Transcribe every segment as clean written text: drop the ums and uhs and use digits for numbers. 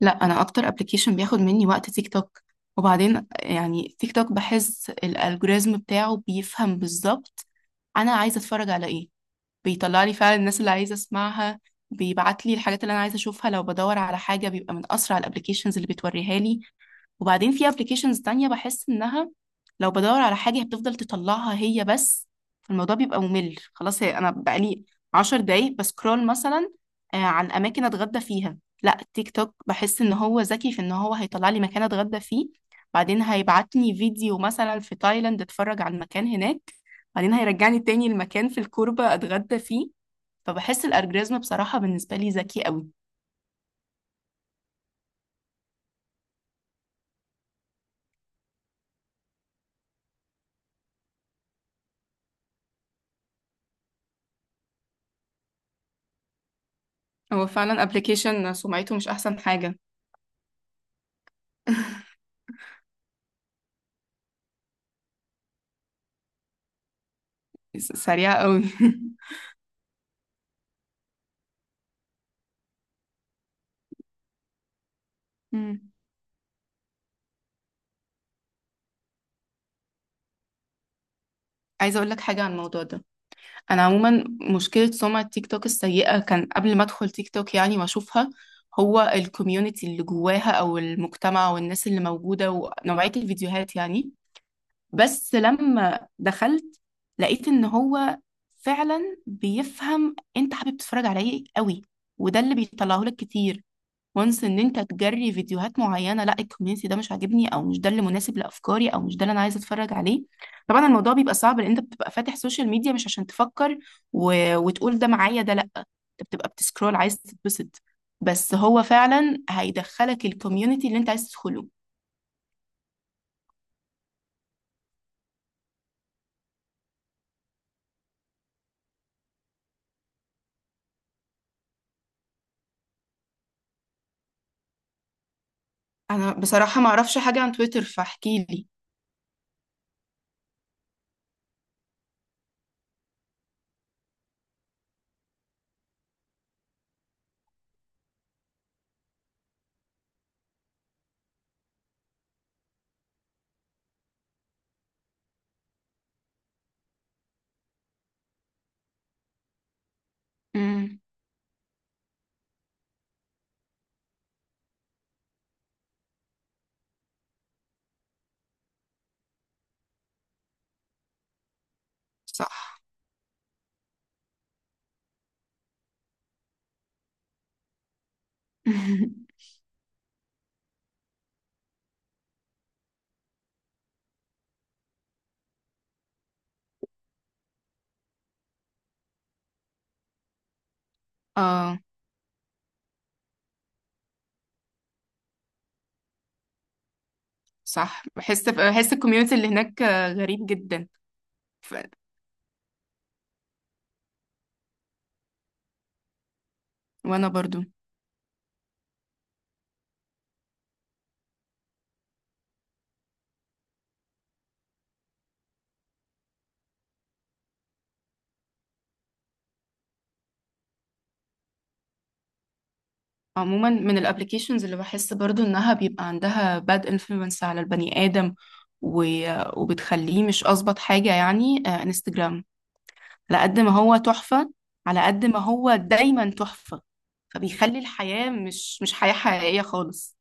لا، انا اكتر ابلكيشن بياخد مني وقت تيك توك. وبعدين يعني تيك توك بحس الالجوريزم بتاعه بيفهم بالظبط انا عايزه اتفرج على ايه. بيطلع لي فعلا الناس اللي عايزه اسمعها. بيبعت لي الحاجات اللي انا عايزه اشوفها، لو بدور على حاجه بيبقى من اسرع الابلكيشنز اللي بتوريها لي. وبعدين في ابلكيشنز تانية بحس انها لو بدور على حاجة بتفضل تطلعها هي بس، فالموضوع بيبقى ممل خلاص. هي انا بقالي 10 دقايق بسكرول مثلا عن اماكن اتغدى فيها. لا تيك توك بحس ان هو ذكي في ان هو هيطلع لي مكان اتغدى فيه. بعدين هيبعتني فيديو مثلا في تايلاند اتفرج على المكان هناك. بعدين هيرجعني تاني المكان في الكوربة اتغدى فيه. فبحس الالجوريزم بصراحة بالنسبة لي ذكي قوي. هو فعلا ابلكيشن سمعته مش احسن حاجة. سريعة قوي. مم. عايزة اقول لك حاجة عن الموضوع ده. انا عموما مشكلة سمعة تيك توك السيئة كان قبل ما ادخل تيك توك يعني واشوفها هو الكوميونتي اللي جواها او المجتمع والناس اللي موجودة ونوعية الفيديوهات يعني. بس لما دخلت لقيت ان هو فعلا بيفهم انت حابب تتفرج على ايه قوي، وده اللي بيطلعه لك كتير. وانس ان انت تجري فيديوهات معينه لا الكوميونتي ده مش عاجبني او مش ده اللي مناسب لافكاري او مش ده اللي انا عايزه اتفرج عليه. طبعا الموضوع بيبقى صعب لان انت بتبقى فاتح سوشيال ميديا مش عشان تفكر و... وتقول ده معايا ده. لا انت بتبقى بتسكرول عايز تتبسط. بس هو فعلا هيدخلك الكوميونتي اللي انت عايز تدخله. انا بصراحه ما اعرفش حاجه عن تويتر فاحكي لي. امم. صح. اه، صح. بحس الكوميونتي اللي هناك غريب جدا. ف... وانا برضو عموما من الابليكيشنز اللي بحس برضو انها بيبقى عندها باد انفلونس على البني ادم و... وبتخليه مش اظبط حاجة يعني انستجرام. على قد ما هو تحفة، على قد ما هو دايما تحفة. فبيخلي الحياة مش حياة حقيقية خالص.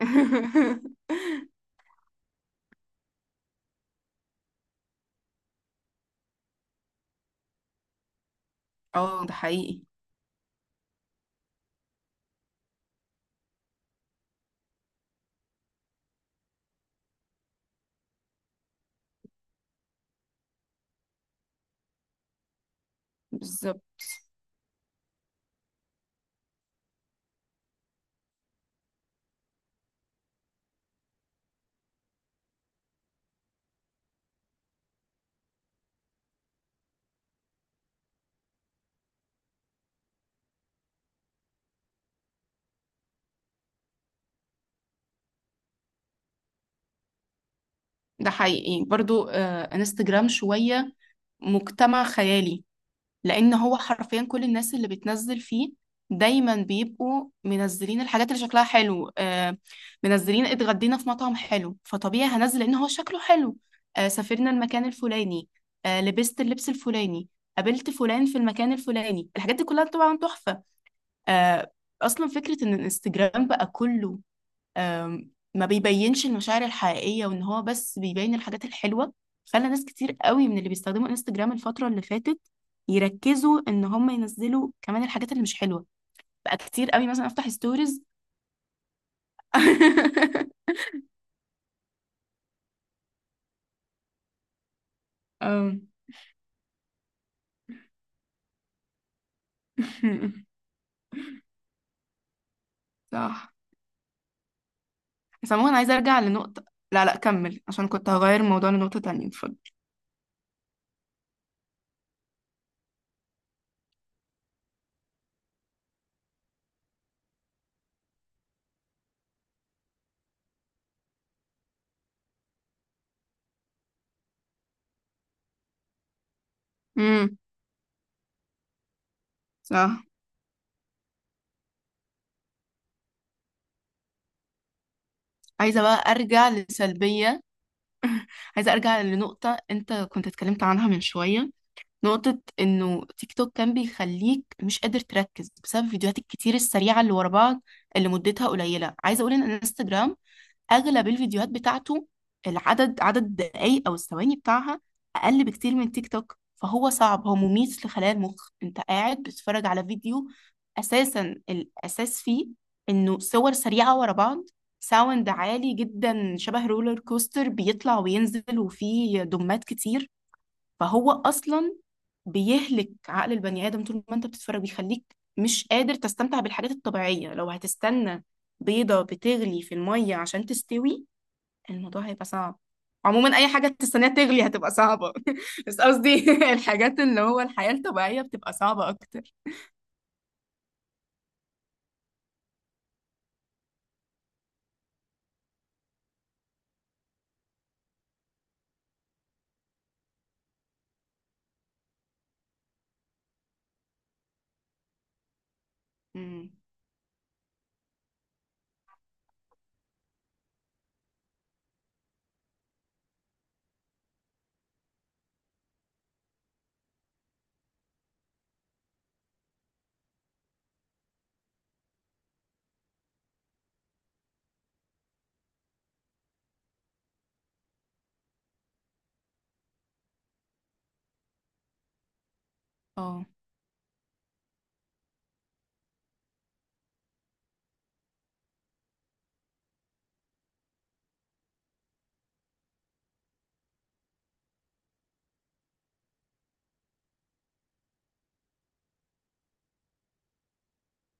اه، ده حقيقي. بالظبط. ده حقيقي برضو انستجرام شوية مجتمع خيالي. لان هو حرفيا كل الناس اللي بتنزل فيه دايما بيبقوا منزلين الحاجات اللي شكلها حلو منزلين اتغدينا في مطعم حلو فطبيعي هنزل لان هو شكله حلو. سافرنا المكان الفلاني. لبست اللبس الفلاني. قابلت فلان في المكان الفلاني. الحاجات دي كلها طبعا تحفة. آه اصلا فكرة ان الانستجرام بقى كله ما بيبينش المشاعر الحقيقية وان هو بس بيبين الحاجات الحلوة، خلى ناس كتير قوي من اللي بيستخدموا انستجرام الفترة اللي فاتت يركزوا ان هم ينزلوا كمان الحاجات اللي مش حلوة. بقى كتير قوي مثلا افتح ستوريز. آم. صح. سموه. انا عايزة ارجع لنقطة. لا، لا، كمل عشان كنت هغير الموضوع لنقطة تانية. اتفضل. امم. صح. عايزة بقى ارجع لسلبية. عايزة ارجع لنقطة انت كنت اتكلمت عنها من شوية، نقطة إنه تيك توك كان بيخليك مش قادر تركز بسبب الفيديوهات الكتير السريعة اللي ورا بعض اللي مدتها قليلة. عايزة أقول إن انستجرام أغلب الفيديوهات بتاعته عدد الدقايق أو الثواني بتاعها أقل بكتير من تيك توك. فهو صعب، هو مميت لخلايا المخ. أنت قاعد بتتفرج على فيديو أساسا الأساس فيه إنه صور سريعة ورا بعض، ساوند عالي جدا شبه رولر كوستر بيطلع وينزل وفيه دمات كتير. فهو اصلا بيهلك عقل البني آدم طول ما انت بتتفرج بيخليك مش قادر تستمتع بالحاجات الطبيعية. لو هتستنى بيضة بتغلي في المية عشان تستوي الموضوع هيبقى صعب. عموما اي حاجة تستناها تغلي هتبقى صعبة. بس قصدي الحاجات اللي هو الحياة الطبيعية بتبقى صعبة اكتر. امم. اه،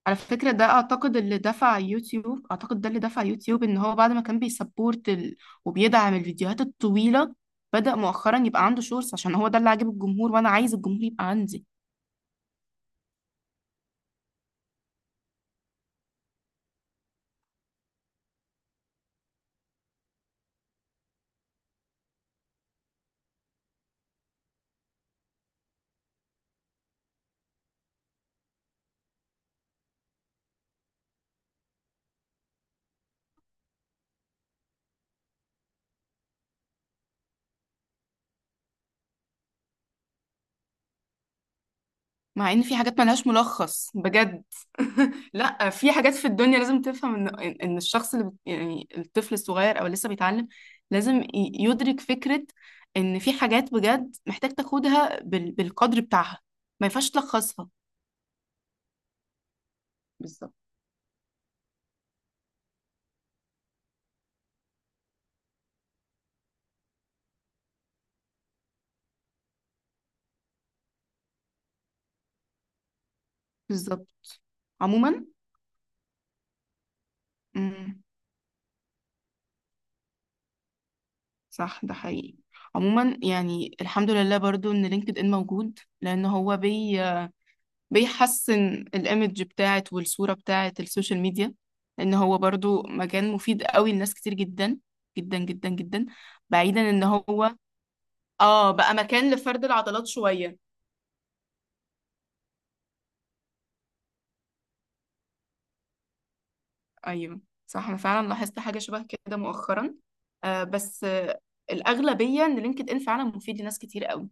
على فكرة، ده أعتقد ده اللي دفع يوتيوب إن هو بعد ما كان بيسبورت وبيدعم الفيديوهات الطويلة، بدأ مؤخرا يبقى عنده شورتس عشان هو ده اللي عاجب الجمهور وأنا عايز الجمهور يبقى عندي. مع ان في حاجات ملهاش ملخص بجد. لا في حاجات في الدنيا لازم تفهم ان الشخص يعني الطفل الصغير او لسه بيتعلم لازم يدرك فكرة ان في حاجات بجد محتاج تاخدها بالقدر بتاعها. ما ينفعش تلخصها. بالظبط. بالظبط. عموما. امم. صح. ده حقيقي. عموما يعني الحمد لله برضو ان لينكد ان موجود لان هو بيحسن الايمج بتاعت والصورة بتاعت السوشيال ميديا. لان هو برضو مكان مفيد قوي لناس كتير جدا جدا جدا جدا. بعيدا ان هو اه بقى مكان لفرد العضلات شوية. ايوه، صح انا فعلا لاحظت حاجة شبه كده مؤخرا، بس الأغلبية ان لينكد ان فعلا مفيد لناس كتير قوي.